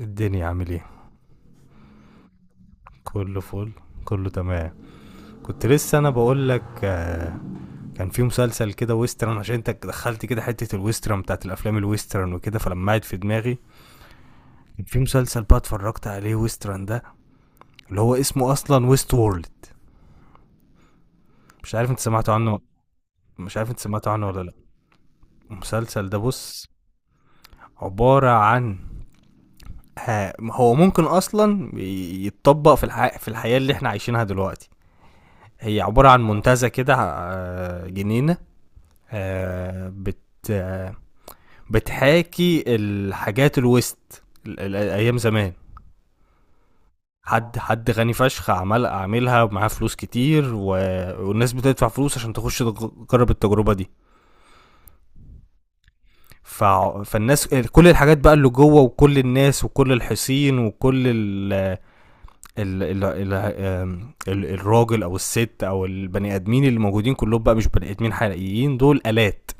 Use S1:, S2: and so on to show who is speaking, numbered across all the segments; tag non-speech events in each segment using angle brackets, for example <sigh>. S1: الدنيا عامل ايه؟ كله فل. كله تمام. كنت لسه انا بقول لك، كان في مسلسل كده ويسترن، عشان انت دخلت كده حته الويسترن بتاعت الافلام الويسترن وكده، فلما قعد في دماغي كان في مسلسل بقى اتفرجت عليه ويسترن ده، اللي هو اسمه اصلا ويست وورلد. مش عارف انت سمعت عنه. مش عارف انت سمعت عنه ولا لا. المسلسل ده بص، عباره عن هو ممكن اصلا يتطبق في الحياه اللي احنا عايشينها دلوقتي. هي عباره عن منتزه كده، جنينه. آه بت آه بتحاكي الحاجات الويست ايام زمان. حد غني فشخ عاملها، ومعاه فلوس كتير والناس بتدفع فلوس عشان تخش تجرب التجربه دي. ف... فالناس، كل الحاجات بقى اللي جوه، وكل الناس وكل الحصين وكل ال... ال... ال... الراجل او الست او البني ادمين اللي موجودين كلهم بقى مش بني ادمين حقيقيين، دول الات.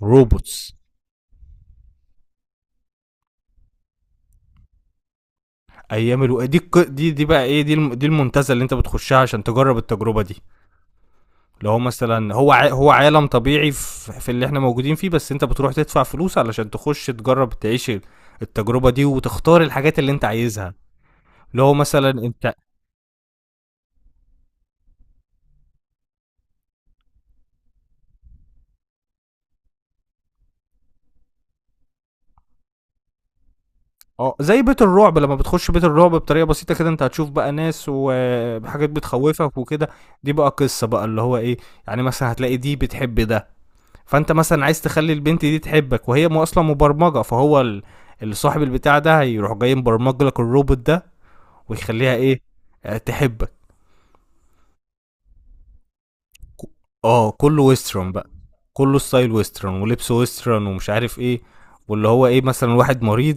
S1: روبوتس. دي دي بقى ايه، دي دي المنتزه اللي انت بتخشها عشان تجرب التجربه دي. لو هو مثلا هو عالم طبيعي في اللي احنا موجودين فيه، بس انت بتروح تدفع فلوس علشان تخش تجرب تعيش التجربه دي وتختار الحاجات اللي انت عايزها، اللي هو مثلا انت. اه، زي بيت الرعب، لما بتخش بيت الرعب بطريقه بسيطه كده انت هتشوف بقى ناس وحاجات بتخوفك وكده. دي بقى قصه بقى اللي هو ايه، يعني مثلا هتلاقي دي بتحب ده، فانت مثلا عايز تخلي البنت دي تحبك، وهي اصلا مبرمجه، فهو اللي صاحب البتاع ده هيروح جاي مبرمج لك الروبوت ده ويخليها ايه، تحبك. ك- اه كله ويسترن بقى، كله ستايل ويسترن ولبس ويسترن ومش عارف ايه. واللي هو ايه، مثلا واحد مريض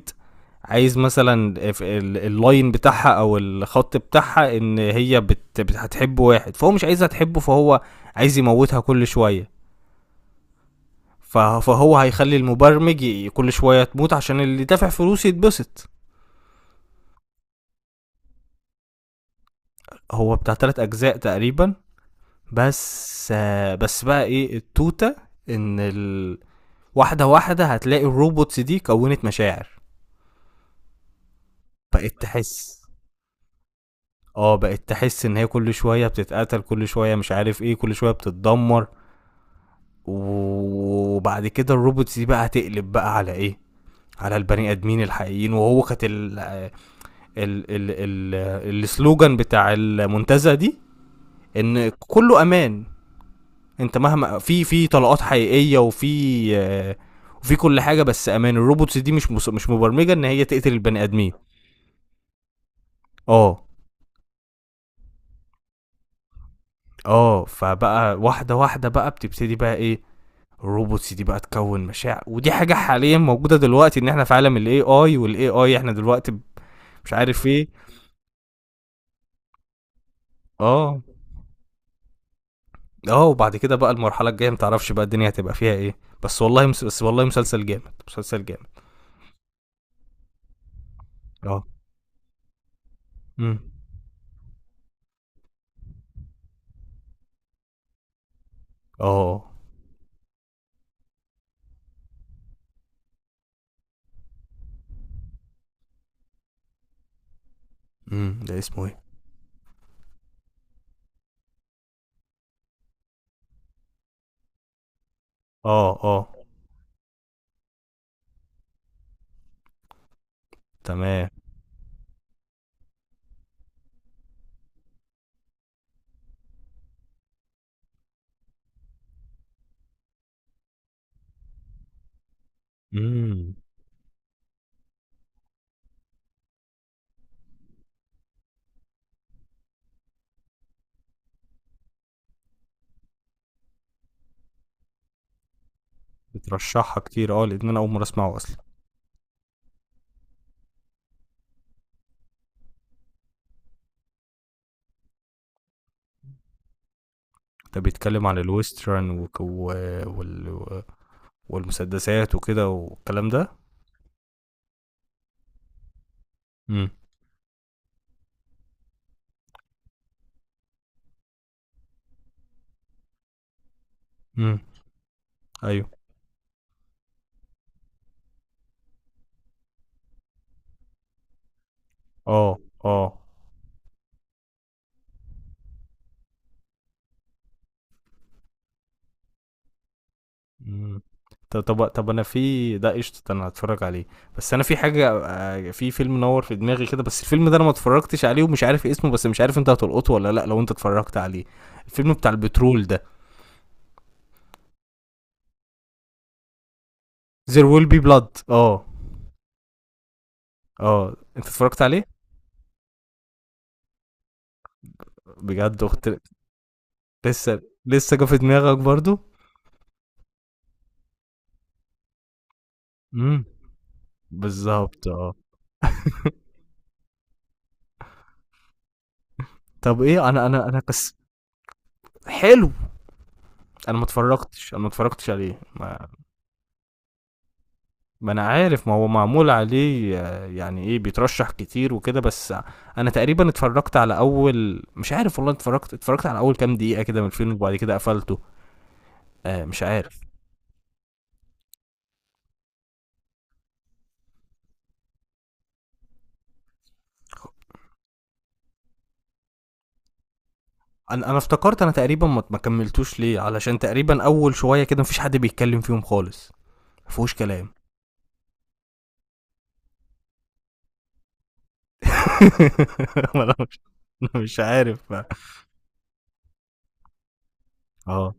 S1: عايز مثلا اللاين بتاعها او الخط بتاعها، ان هي هتحب واحد، فهو مش عايزها تحبه، فهو عايز يموتها كل شويه. فهو هيخلي المبرمج كل شويه تموت عشان اللي دافع فلوس يتبسط. هو بتاع 3 اجزاء تقريبا، بس بقى ايه التوته، ان ال... واحده واحده هتلاقي الروبوتس دي كونت مشاعر. بقت تحس. اه، بقت تحس ان هي كل شويه بتتقتل، كل شويه مش عارف ايه، كل شويه بتتدمر، وبعد كده الروبوتس دي بقى هتقلب بقى على ايه، على البني ادمين الحقيقيين. وهو كانت ال- ال ال ال السلوجان بتاع المنتزه دي ان كله امان، انت مهما في طلقات حقيقيه آه، وفي كل حاجه، بس امان. الروبوتس دي مش مبرمجه ان هي تقتل البني ادمين. اه. اه، فبقى واحده واحده بقى بتبتدي بقى ايه، الروبوتس دي بقى تكون مشاعر. ودي حاجه حاليا موجوده دلوقتي، ان احنا في عالم الاي اي، والاي اي احنا دلوقتي مش عارف ايه. اه. اه، وبعد كده بقى المرحله الجايه متعرفش بقى الدنيا هتبقى فيها ايه. بس والله مسلسل جامد، مسلسل جامد. اه. امم. اه. امم. ده اسمه ايه؟ اه. اه. تمام. امم. بترشحها كتير، اه، لان انا اول مره اسمعه اصلا. ده بيتكلم عن الويسترن وال... والمسدسات وكده والكلام ده. امم. امم. ايوه. اه. اه. مم. طب طب طب، انا في ده قشطه، انا هتفرج عليه. بس انا في حاجه، في فيلم نور في دماغي كده، بس الفيلم ده انا ما اتفرجتش عليه ومش عارف اسمه، بس مش عارف انت هتلقطه ولا لا لو انت اتفرجت عليه. الفيلم بتاع البترول ده. There will be blood. اه. اه، انت اتفرجت عليه؟ بجد اخت! لسه لسه جه في دماغك برضو. امم. بالظبط، اه. <laughs> طب ايه، انا بس. حلو. انا ما اتفرجتش عليه. ما انا عارف ما هو معمول عليه، يعني ايه، بيترشح كتير وكده، بس انا تقريبا اتفرجت على اول مش عارف والله، اتفرجت على اول كام دقيقة كده من الفيلم، وبعد كده قفلته. آه، مش عارف. انا افتكرت انا تقريبا ما كملتوش ليه، علشان تقريبا اول شوية كده مفيش حد بيتكلم فيهم خالص، مفيهوش كلام. <laughs> انا مش أنا مش عارف. اه.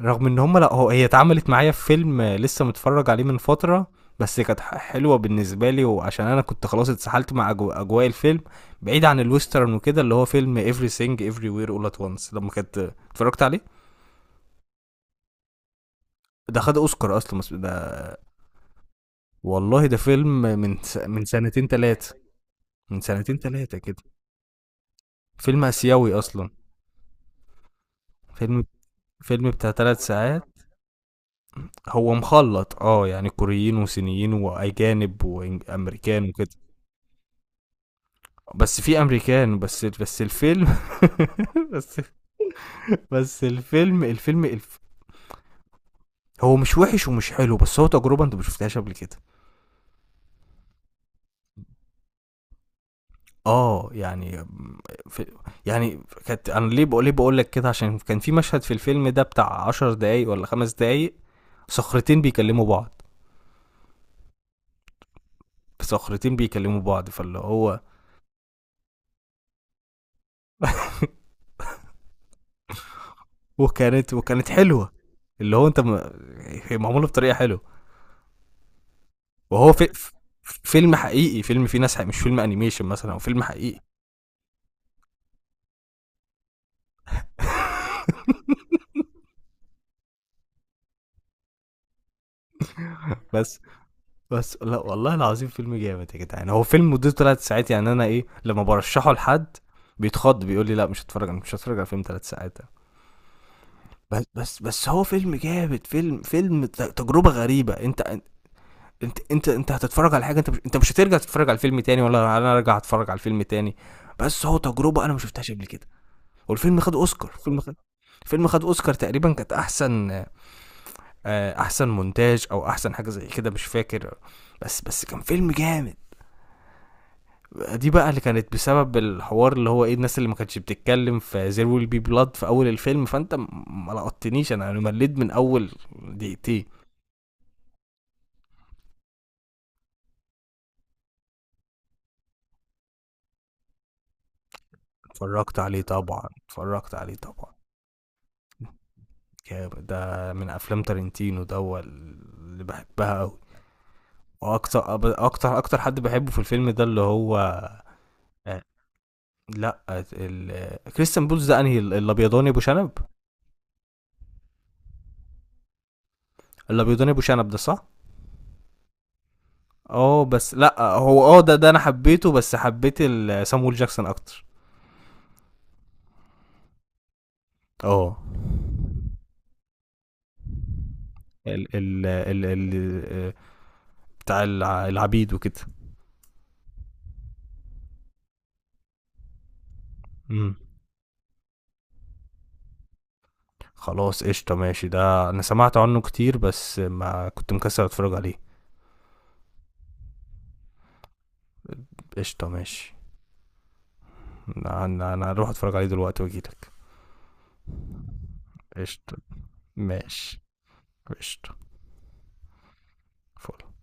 S1: رغم ان هم لا هو هي اتعملت معايا في فيلم لسه متفرج عليه من فترة، بس كانت حلوة بالنسبة لي، وعشان انا كنت خلاص اتسحلت مع اجواء الفيلم بعيد عن الويسترن وكده، اللي هو فيلم everything everywhere all at once لما كنت اتفرجت عليه. ده خد اوسكار اصلا بس ده. والله. ده فيلم من سنتين تلاتة. من سنتين تلاتة كده. فيلم اسيوي اصلا. فيلم بتاع 3 ساعات. هو مخلط، اه، يعني كوريين وصينيين واجانب وامريكان وكده. بس في امريكان، بس الفيلم. <laughs> بس بس الفيلم، هو مش وحش ومش حلو، بس هو تجربه انت ما شفتهاش قبل كده. اه، يعني في، يعني كانت، انا ليه بقول، لك كده عشان كان في مشهد في الفيلم ده بتاع 10 دقايق ولا 5 دقايق، صخرتين بيكلموا بعض. صخرتين بيكلموا بعض، فاللي هو. <laughs> وكانت حلوه، اللي هو انت م... هي معموله بطريقه حلوه. وهو في... فيلم حقيقي، فيلم فيه ناس حقيقي، مش فيلم انيميشن مثلا، او فيلم حقيقي. بس بس لا والله العظيم فيلم جامد يا جدعان. هو فيلم مدته 3 ساعات، يعني انا ايه لما برشحه لحد بيتخض، بيقول لي لا، مش هتفرج انا مش هتفرج على فيلم 3 ساعات ده. بس هو فيلم جامد، فيلم تجربة غريبة. انت هتتفرج على حاجة، انت مش هترجع تتفرج على الفيلم تاني، ولا انا ارجع اتفرج على الفيلم تاني، بس هو تجربة انا ما شفتهاش قبل كده. والفيلم خد اوسكار. الفيلم خد اوسكار تقريبا، كانت احسن، احسن مونتاج او احسن حاجة زي كده مش فاكر. بس كان فيلم جامد. دي بقى اللي كانت بسبب الحوار، اللي هو ايه، الناس اللي ما كانتش بتتكلم في زير ويل بي بلاد في اول الفيلم، فانت ما لقطتنيش، انا مليت من اول دقيقتين. اتفرجت عليه طبعا. اتفرجت عليه طبعا. جامد. ده من افلام تارنتينو، ده هو اللي بحبها قوي. واكتر اكتر اكتر حد بحبه في الفيلم ده اللي هو، آه، لا، كريستيان بولز ده، انهي الابيضاني ابو شنب؟ الابيضاني ابو شنب ده صح. اه، بس لا هو اه، ده انا حبيته بس حبيت سامويل جاكسون اكتر. اه، ال ال ال ال بتاع العبيد وكده. امم. خلاص قشطه، ماشي، ده انا سمعت عنه كتير بس ما كنت مكسل اتفرج عليه. قشطه، ماشي. انا انا أنا هروح اتفرج عليه دلوقتي واجيلك. قشطه. ماشي. قشطه. فل.